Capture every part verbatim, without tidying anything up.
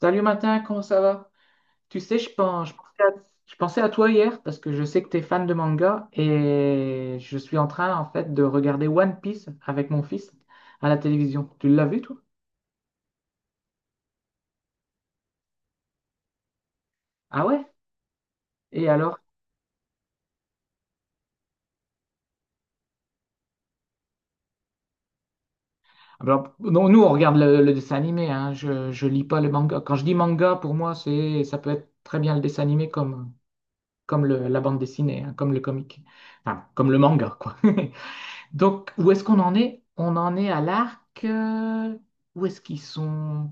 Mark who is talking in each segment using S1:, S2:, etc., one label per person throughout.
S1: Salut matin, comment ça va? Tu sais, je pense- je pensais à, je pensais à toi hier parce que je sais que tu es fan de manga et je suis en train en fait de regarder One Piece avec mon fils à la télévision. Tu l'as vu toi? Ah ouais? Et alors? Alors, non, nous on regarde le, le dessin animé, hein. Je, je lis pas le manga. Quand je dis manga, pour moi, c'est, ça peut être très bien le dessin animé comme, comme le- la bande dessinée, hein, comme le comic, enfin, comme le manga, quoi. Donc, où est-ce qu'on en est? On en est à l'arc. Euh, où est-ce qu'ils sont?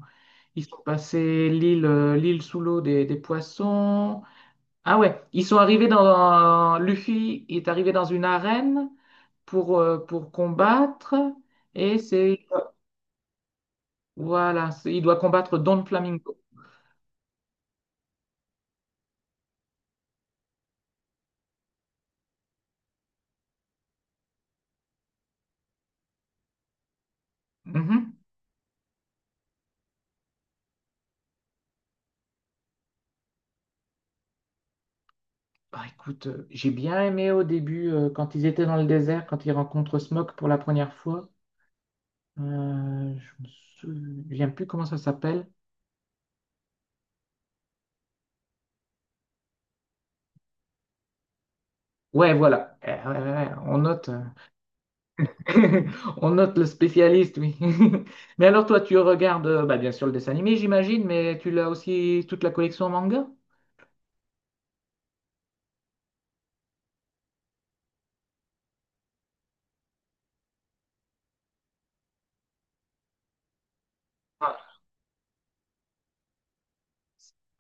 S1: Ils sont passés l'île euh, l'île sous l'eau des, des poissons. Ah ouais, ils sont arrivés dans... Luffy est arrivé dans une arène pour, euh, pour combattre. Et c'est... Voilà, c'est- il doit combattre Don Flamingo. Mhm. Bah, écoute, euh, j'ai bien aimé au début euh, quand ils étaient dans le désert, quand ils rencontrent Smoke pour la première fois. Euh, je me souviens plus comment ça s'appelle. Ouais, voilà. Eh, ouais, ouais, ouais, on note, euh, on note le spécialiste, oui. Mais alors, toi, tu regardes, euh, bah, bien sûr, le dessin animé, j'imagine, mais tu l'as aussi toute la collection en manga? Ah,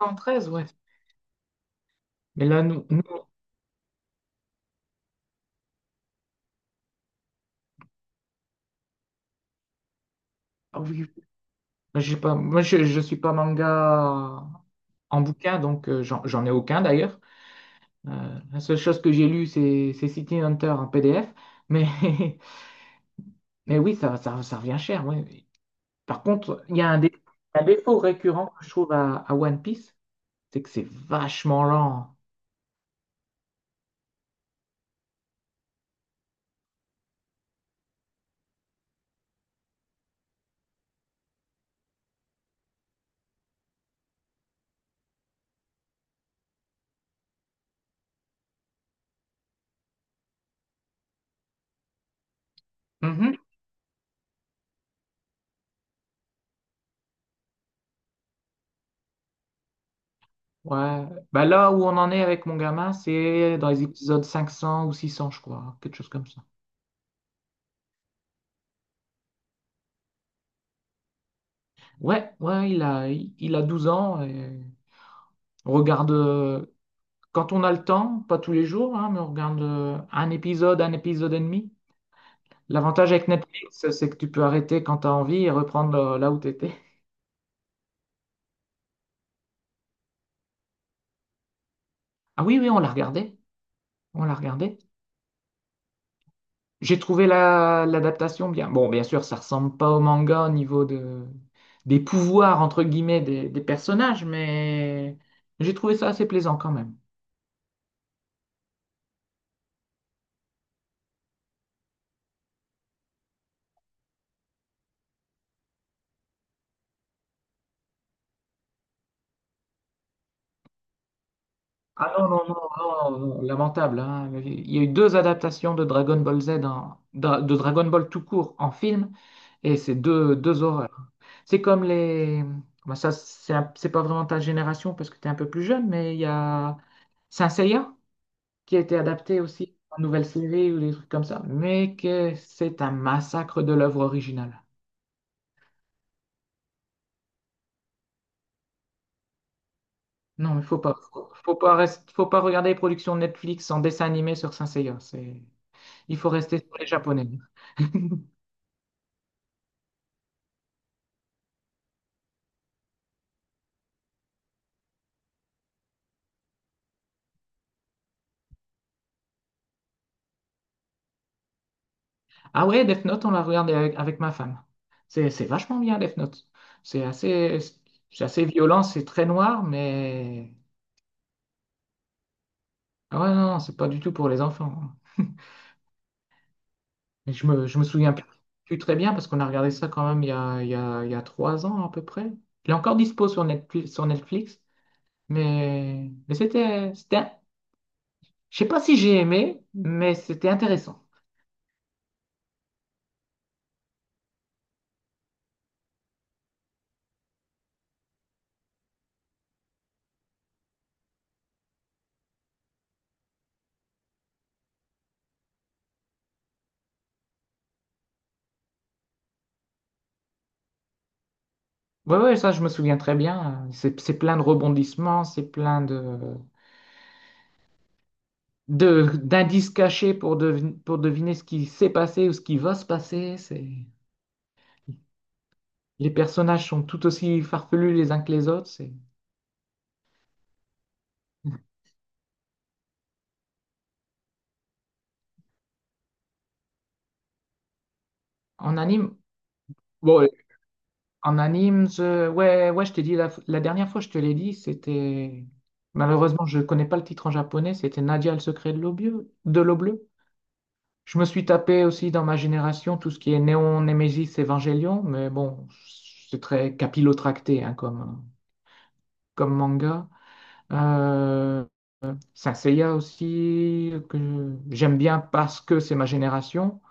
S1: cent treize ouais. Mais là, nous, nous- ah oui, j'ai pas, moi, je, je suis pas manga en bouquin, donc euh, j'en, j'en ai aucun d'ailleurs. Euh, la seule chose que j'ai lue, c'est c'est City Hunter en P D F, mais, mais oui, ça, ça, ça revient cher. Ouais. Par contre, il y a un, dé- un défaut récurrent que je trouve à, à One Piece, tu sais que c'est vachement lent. Mhm. Ouais. Bah là où on en est avec mon gamin, c'est dans les épisodes cinq cents ou six cents, je crois, quelque chose comme ça. Ouais, ouais, il a, il il a douze ans et on regarde euh, quand on a le temps, pas tous les jours, hein, mais on regarde euh, un épisode, un épisode et demi. L'avantage avec Netflix, c'est que tu peux arrêter quand tu as envie et reprendre euh, là où tu étais. Ah oui, oui, on l'a regardé. On l'a regardé. J'ai trouvé la, l'adaptation bien. Bon, bien sûr, ça ressemble pas au manga au niveau de, des pouvoirs, entre guillemets, des, des personnages, mais j'ai trouvé ça assez plaisant quand même. Ah non, non, non, non, non, lamentable, hein. Il y a eu deux adaptations de Dragon Ball Z, en- dra- de Dragon Ball tout court en film, et c'est deux, deux horreurs. C'est comme les... bah, ça, c'est un- c'est pas vraiment ta génération parce que tu es un peu plus jeune, mais il y a Saint Seiya qui a été adapté aussi en nouvelle série ou des trucs comme ça, mais que c'est un massacre de l'œuvre originale. Non, il faut pas, faut, faut pas rest- faut pas regarder les productions Netflix en dessin animé sur Saint Seiya. C'est, il faut rester sur les japonais. Ah ouais, Death Note, on l'a regardé avec, avec ma femme. C'est, c'est vachement bien, Death Note. C'est assez, c'est assez violent, c'est très noir, mais ah ouais, non, non, c'est pas du tout pour les enfants. Et je me, je me souviens plus très bien parce qu'on a regardé ça quand même il y a, il y a, il y a trois ans à peu près. Il est encore dispo sur Netflix, sur Netflix, mais, mais c'était, c'était, je sais pas si j'ai aimé, mais c'était intéressant. Ouais, ouais, Ça je me souviens très bien. C'est, c'est plein de rebondissements, c'est plein de, de, d'indices cachés pour, devin- pour deviner ce qui s'est passé ou ce qui va se passer. C'est, les personnages sont tout aussi farfelus les uns que les autres. C'est, en anime. Bon, en anime, je... ouais, ouais, je t'ai dit la, la dernière fois, je te l'ai dit, c'était malheureusement, je connais pas le titre en japonais, c'était Nadia le secret de l'eau bleue, de l'eau bleue. Je me suis tapé aussi dans ma génération tout ce qui est Néon, Nemesis, Evangelion, mais bon, c'est très capillotracté hein, comme, comme manga. Euh, Saint Seiya aussi, que j'aime bien parce que c'est ma génération.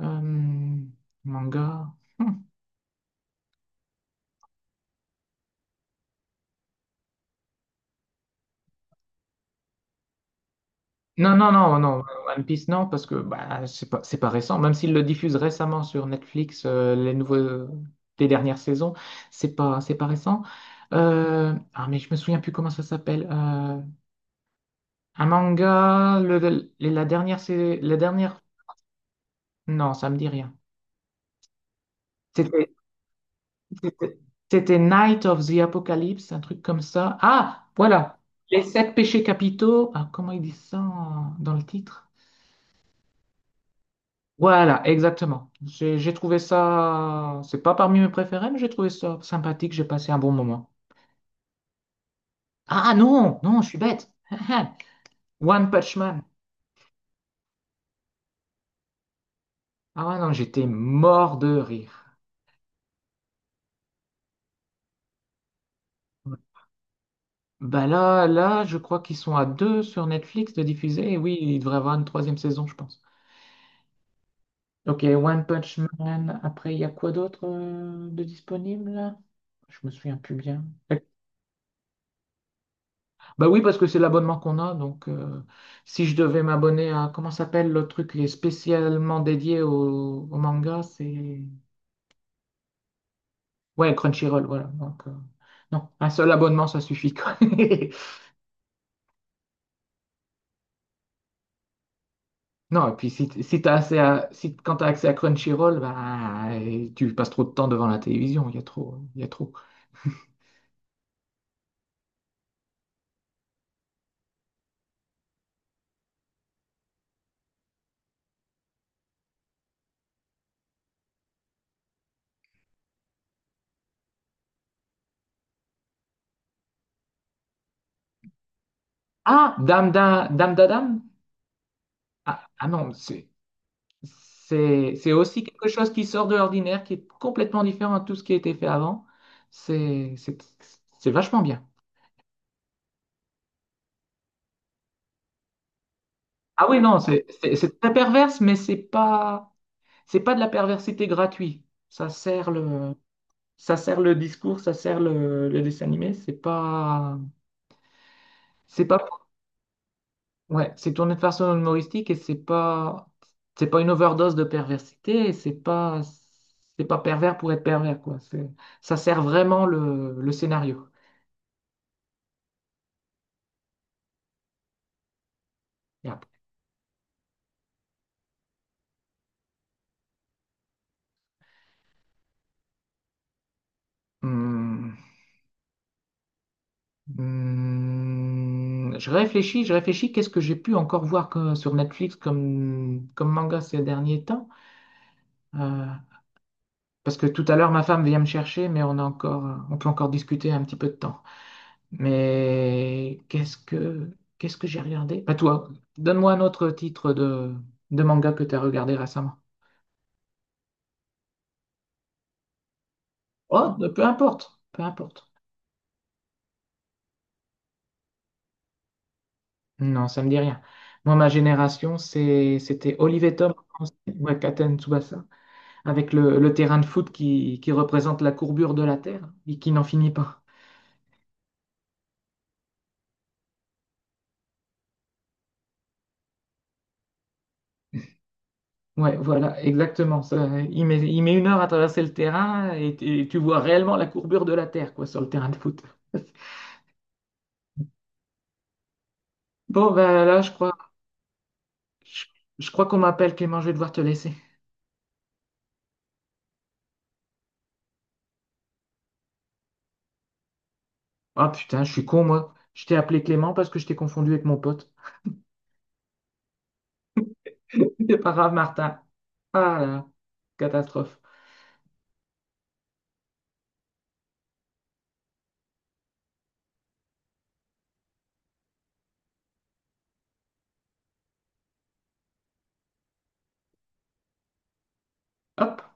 S1: Euh, Manga. Non, non, non, non, One Piece, non, parce que bah, c'est pas, c'est pas récent. Même s'ils le diffusent récemment sur Netflix, euh, les nouveaux, des dernières saisons, c'est pas, c'est pas récent. Euh, ah, mais je me souviens plus comment ça s'appelle. Euh, un manga, le, le- la dernière, c'est la dernière. Non, ça me dit rien. C'était, c'était C'était Night of the Apocalypse, un truc comme ça. Ah, voilà. Les sept péchés capitaux. Ah, comment ils disent ça en- dans le titre? Voilà, exactement. J'ai j'ai trouvé ça, c'est pas parmi mes préférés, mais j'ai trouvé ça sympathique, j'ai passé un bon moment. Ah non, non, je suis bête. One Punch Man. Ah ouais, non, j'étais mort de rire. Bah là, là, je crois qu'ils sont à deux sur Netflix de diffuser. Et oui, il devrait y avoir une troisième saison, je pense. Ok, One Punch Man. Après, il y a quoi d'autre euh, de disponible là? Je me souviens plus bien. Bah oui, parce que c'est l'abonnement qu'on a. Donc, euh, si je devais m'abonner à, comment s'appelle le truc qui est spécialement dédié au, au manga, c'est... Ouais, Crunchyroll, voilà. Donc, euh, non, un seul abonnement, ça suffit, quoi. Non, et puis si, t- si t'as assez à, si, quand t'as accès à Crunchyroll, bah, et tu passes trop de temps devant la télévision, il y a trop, il y a trop. Ah, Dame da, Dame da Dame? Ah, ah non, c'est C'est, c'est aussi quelque chose qui sort de l'ordinaire, qui est complètement différent de tout ce qui a été fait avant. C'est, c'est, c'est vachement bien. Ah oui, non, c'est c'est- c'est très perverse, mais c'est pas, c'est pas de la perversité gratuite. Ça sert le, Ça sert le discours, ça sert le, le dessin animé. C'est pas, c'est pas, Ouais, c'est tourné de façon humoristique et c'est pas, c'est pas une overdose de perversité. Et C'est pas, c'est pas pervers pour être pervers, quoi. C'est, ça sert vraiment le, le scénario. Et après, hmm. Hmm. Je réfléchis, je réfléchis. Qu'est-ce que j'ai pu encore voir que- Sur Netflix comme, comme manga ces derniers temps? Euh, Parce que tout à l'heure, ma femme vient me chercher, mais on a encore, on peut encore discuter un petit peu de temps. Mais qu'est-ce que, qu'est-ce que j'ai regardé? Bah toi, donne-moi un autre titre de, de manga que tu as regardé récemment. Oh, bah, peu importe, peu importe. Non, ça me dit rien. Moi, ma génération, c'est, c'était Olive et Tom, en français, ouais, Katen Tsubasa, avec le, le terrain de foot qui, qui représente la courbure de la Terre et qui n'en finit pas. Ouais, voilà, exactement. Ça, il met, il met une heure à traverser le terrain et, et tu vois réellement la courbure de la Terre, quoi, sur le terrain de foot. Bon, ben là, je crois, je, je crois qu'on m'appelle Clément, je vais devoir te laisser. Ah putain, je suis con, moi. Je t'ai appelé Clément parce que je t'ai confondu avec mon pote. C'est pas grave, Martin. Ah là, catastrophe. Hop.